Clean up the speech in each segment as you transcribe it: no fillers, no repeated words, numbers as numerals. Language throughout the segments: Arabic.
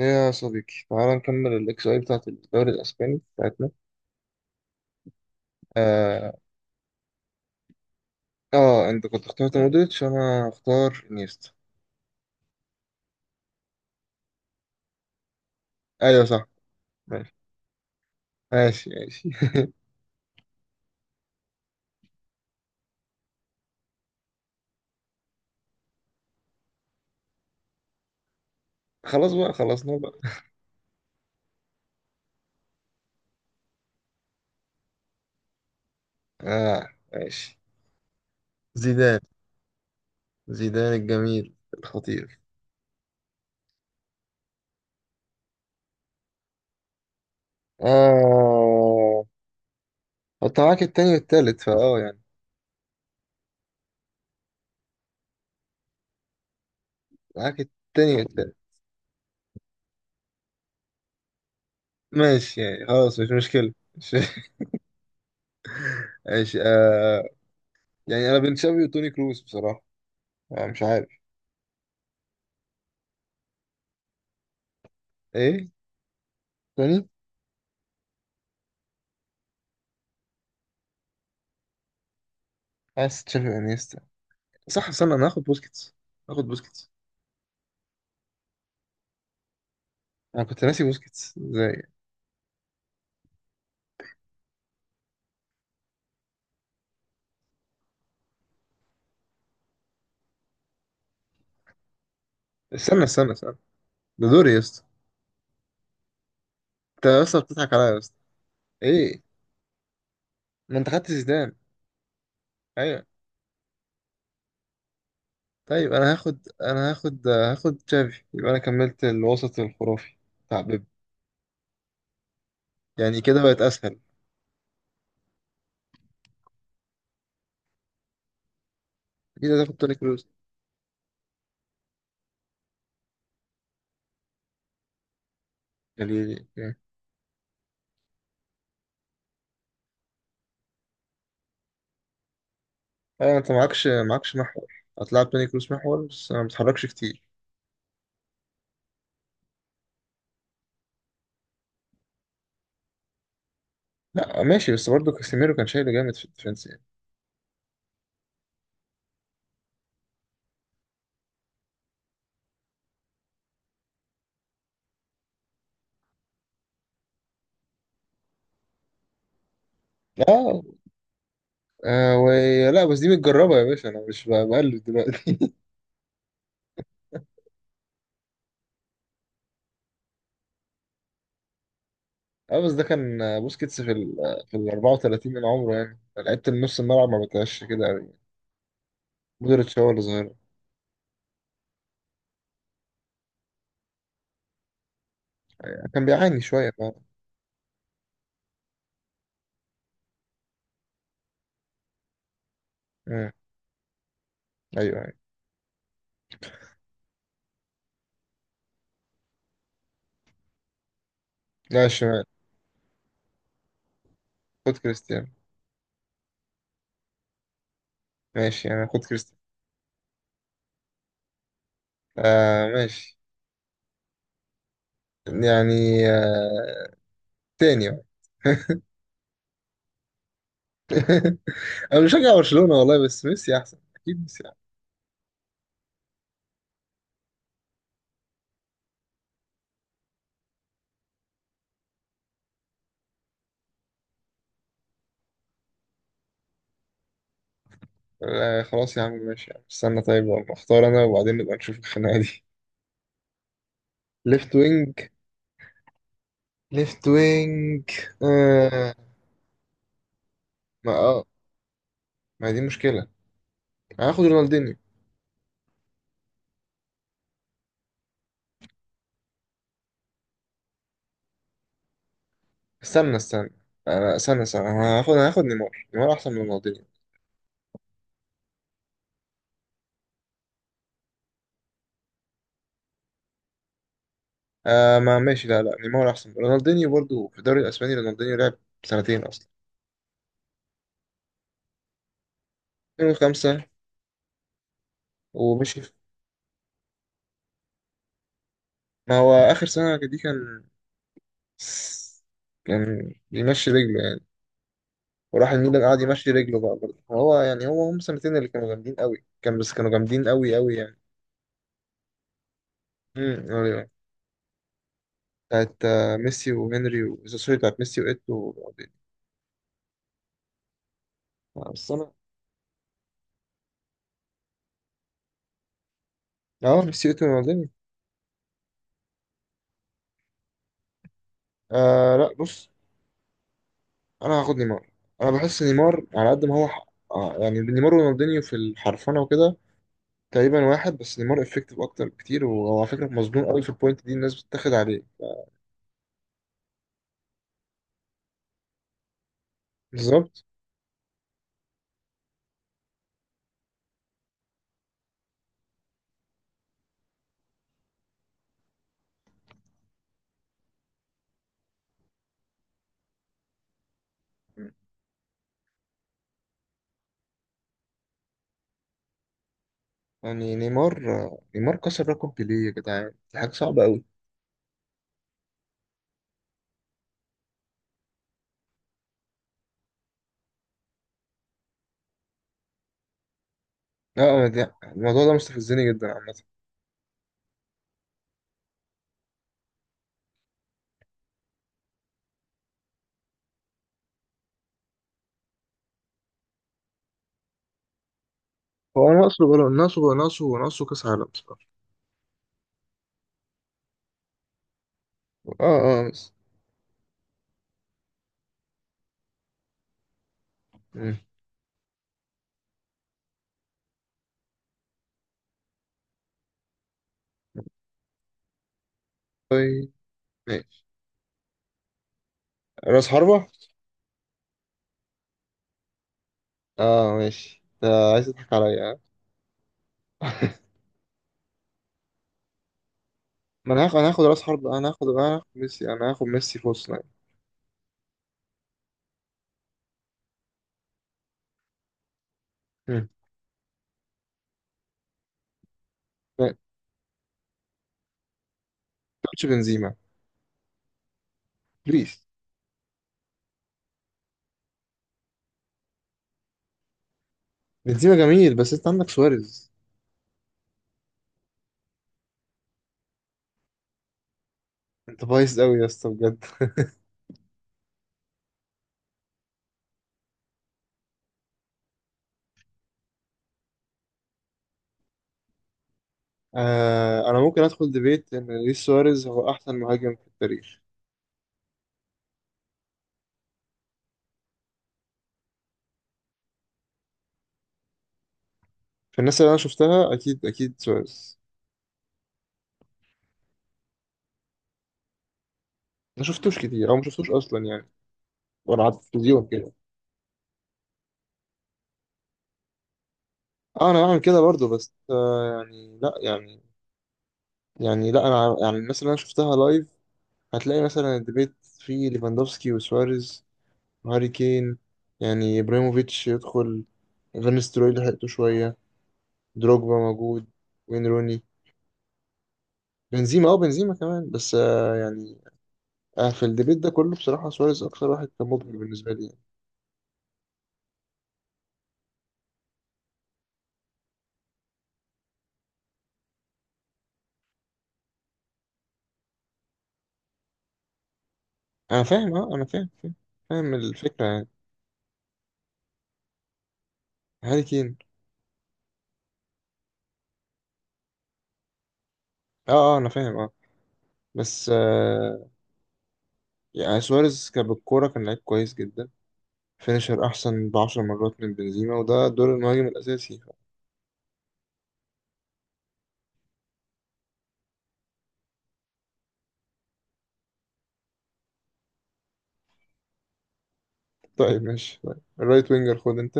ايه يا صديقي، تعال نكمل الاكس اي بتاعت الدوري الاسباني بتاعتنا. اه, آه انت كنت اخترت مودريتش، انا اختار انيستا. ايوه صح. ماشي. ماشي ماشي. خلاص بقى، خلصنا بقى. اه ماشي. زيدان. زيدان الجميل الخطير. اه، حط معاك التاني والتالت فاه يعني. معاك التاني والتالت. ماشي يعني، خلاص مش مشكلة. ماشي آه. يعني انا بين تشافي وتوني كروس بصراحة. آه مش عارف. ايه. توني. عايز تشافي وانيستا؟ صح، استنى، انا هاخد بوسكيتس. هاخد بوسكيتس. انا كنت ناسي بوسكيتس ازاي. استنى استنى استنى، ده دوري يا اسطى. انت يا اسطى بتضحك عليا يا اسطى. ايه. ما انت خدت زيدان. ايوه. طيب، انا هاخد تشافي، يبقى انا كملت الوسط الخرافي بتاع بيب. يعني كده بقت اسهل. كده تاخد توني كروز يعني. ايوه، انت معكش محور. هتلعب توني كروز محور بس ما بتحركش كتير. لا ماشي، بس برضه كاسيميرو كان شايله جامد في الديفنس يعني. اه. آه. ولا بس دي متجربة يا باشا، أنا مش ب- بقلد دلوقتي. اه بس ده كان، بوسكيتس في ال 34 من عمره يعني، لعيبة النص الملعب ما بتعيش كده قوي. مودريتش هو اللي ظاهر. كان بيعاني شوية فعلا. مم. ايوه ايوه. لا، الشمال. خد كريستيانو. ماشي يعني، خد كريستيانو. آه ماشي. يعني آه. تاني بقى. انا بشجع برشلونة والله، بس ميسي احسن، اكيد ميسي احسن. آه خلاص يا عم، ماشي يا عم. استنى، طيب والله اختار انا وبعدين نبقى نشوف الخناقة دي. ليفت وينج. ليفت وينج. آه. ما اه، ما هي دي مشكلة. هاخد رونالدينيو. استنى استنى. انا استنى استنى، أنا هاخد نيمار. نيمار احسن من رونالدينيو. آه ما ماشي. لا لا، نيمار احسن رونالدينيو برضو في الدوري الاسباني. رونالدينيو لعب سنتين اصلا. 2005. ومشي في- ما هو اخر سنه دي كان بيمشي رجله يعني. وراح الميلان قعد يمشي رجله بقى برضه، هو يعني هو هم سنتين اللي كانوا جامدين قوي، كان بس كانوا جامدين قوي قوي يعني. ايوه. بتاعت ميسي وهنري سوري، بتاعت ميسي وايتو ورونالدينيو. بس انا. اه، ميسي وايتو ورونالدينيو. آه لا بص. انا هاخد نيمار. انا بحس نيمار على قد ما هو ح... آه يعني، نيمار ورونالدينيو في الحرفنه وكده تقريبا واحد، بس نيمار افكتيف اكتر بكتير، وهو على فكره مظلوم قوي في البوينت دي الناس بتتاخد عليه. بالظبط. يعني نيمار كسر رقم بيليه يا جدعان، دي حاجه صعبه قوي. لا أنا الموضوع ده مستفزني جدا عامه. هو ناقصه بلو... ناقصه ناقصه ناقصه كاس عالم بصراحه. اه اه بس. مم. طيب ماشي. راس حربة. اه ماشي، آه عايز تضحك عليا ها؟ ما انا هاخد راس حرب، انا هاخد ميسي. انا هاخد ميسي في وسط لاين. مم. ما تاخدش بنزيما، بليز. بنزيما جميل بس انت عندك سواريز. انت بايظ قوي يا اسطى بجد. آه، انا ممكن ادخل ديبيت ان لويس سواريز هو احسن مهاجم في التاريخ. في الناس اللي انا شفتها، اكيد اكيد سواريز. ما شفتوش كتير، او ما شفتوش اصلا يعني، وانا على التلفزيون كده. اه، انا بعمل كده برضه بس يعني لا يعني. يعني لا انا يعني، الناس اللي انا شفتها لايف، هتلاقي مثلا الديبيت فيه ليفاندوفسكي وسواريز، هاري كين يعني، ابراهيموفيتش يدخل، فان ستروي لحقته شويه، دروجبا موجود، وين روني. بنزيما بنزيما كمان بس يعني. في الديبيت ده كله بصراحه، سواريز اكتر واحد كان مبهر بالنسبه لي يعني. انا فاهم، اه انا فاهم فاهم. فاهم الفكره يعني. هاري كين. اه اه انا فاهم اه. بس يعني، سواريز كان بالكوره كان لعيب كويس جدا. فينيشر احسن ب 10 مرات من بنزيما، وده دور المهاجم الاساسي. طيب ماشي، طيب الرايت وينجر خد انت.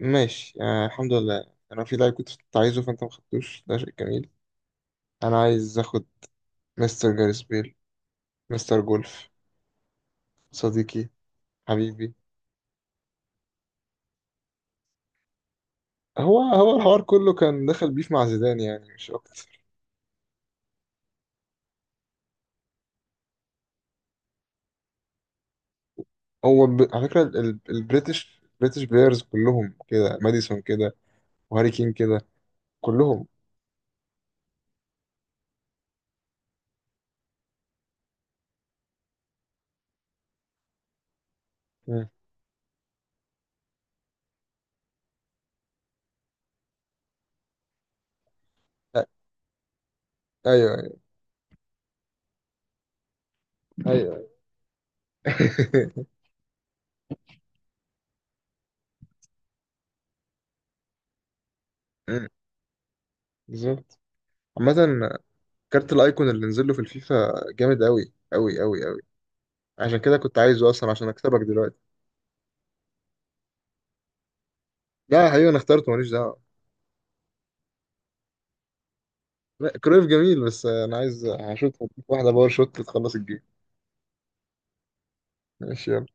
ماشي. آه الحمد لله، انا في لاعب كنت عايزه فانت ما خدتوش، ده شيء جميل. انا عايز اخد مستر جاريس بيل. مستر جولف. صديقي. حبيبي. هو هو الحوار كله كان دخل بيف مع زيدان يعني مش اكتر. هو على فكره، البريتش بلايرز كلهم كده. ماديسون كده. وهاري كين كده. كلهم. مم. أ- ايوه ايوه ايوه. مم. بالظبط. عامة. كارت الايكون اللي نزل له في الفيفا جامد قوي قوي قوي قوي. عشان كده كنت عايزه اصلا، عشان اكسبك دلوقتي. لا يا حبيبي، انا اخترته ماليش دعوه. لا كرويف جميل، بس انا عايز هشوط هديك واحده باور شوت تخلص الجيم. ماشي يلا.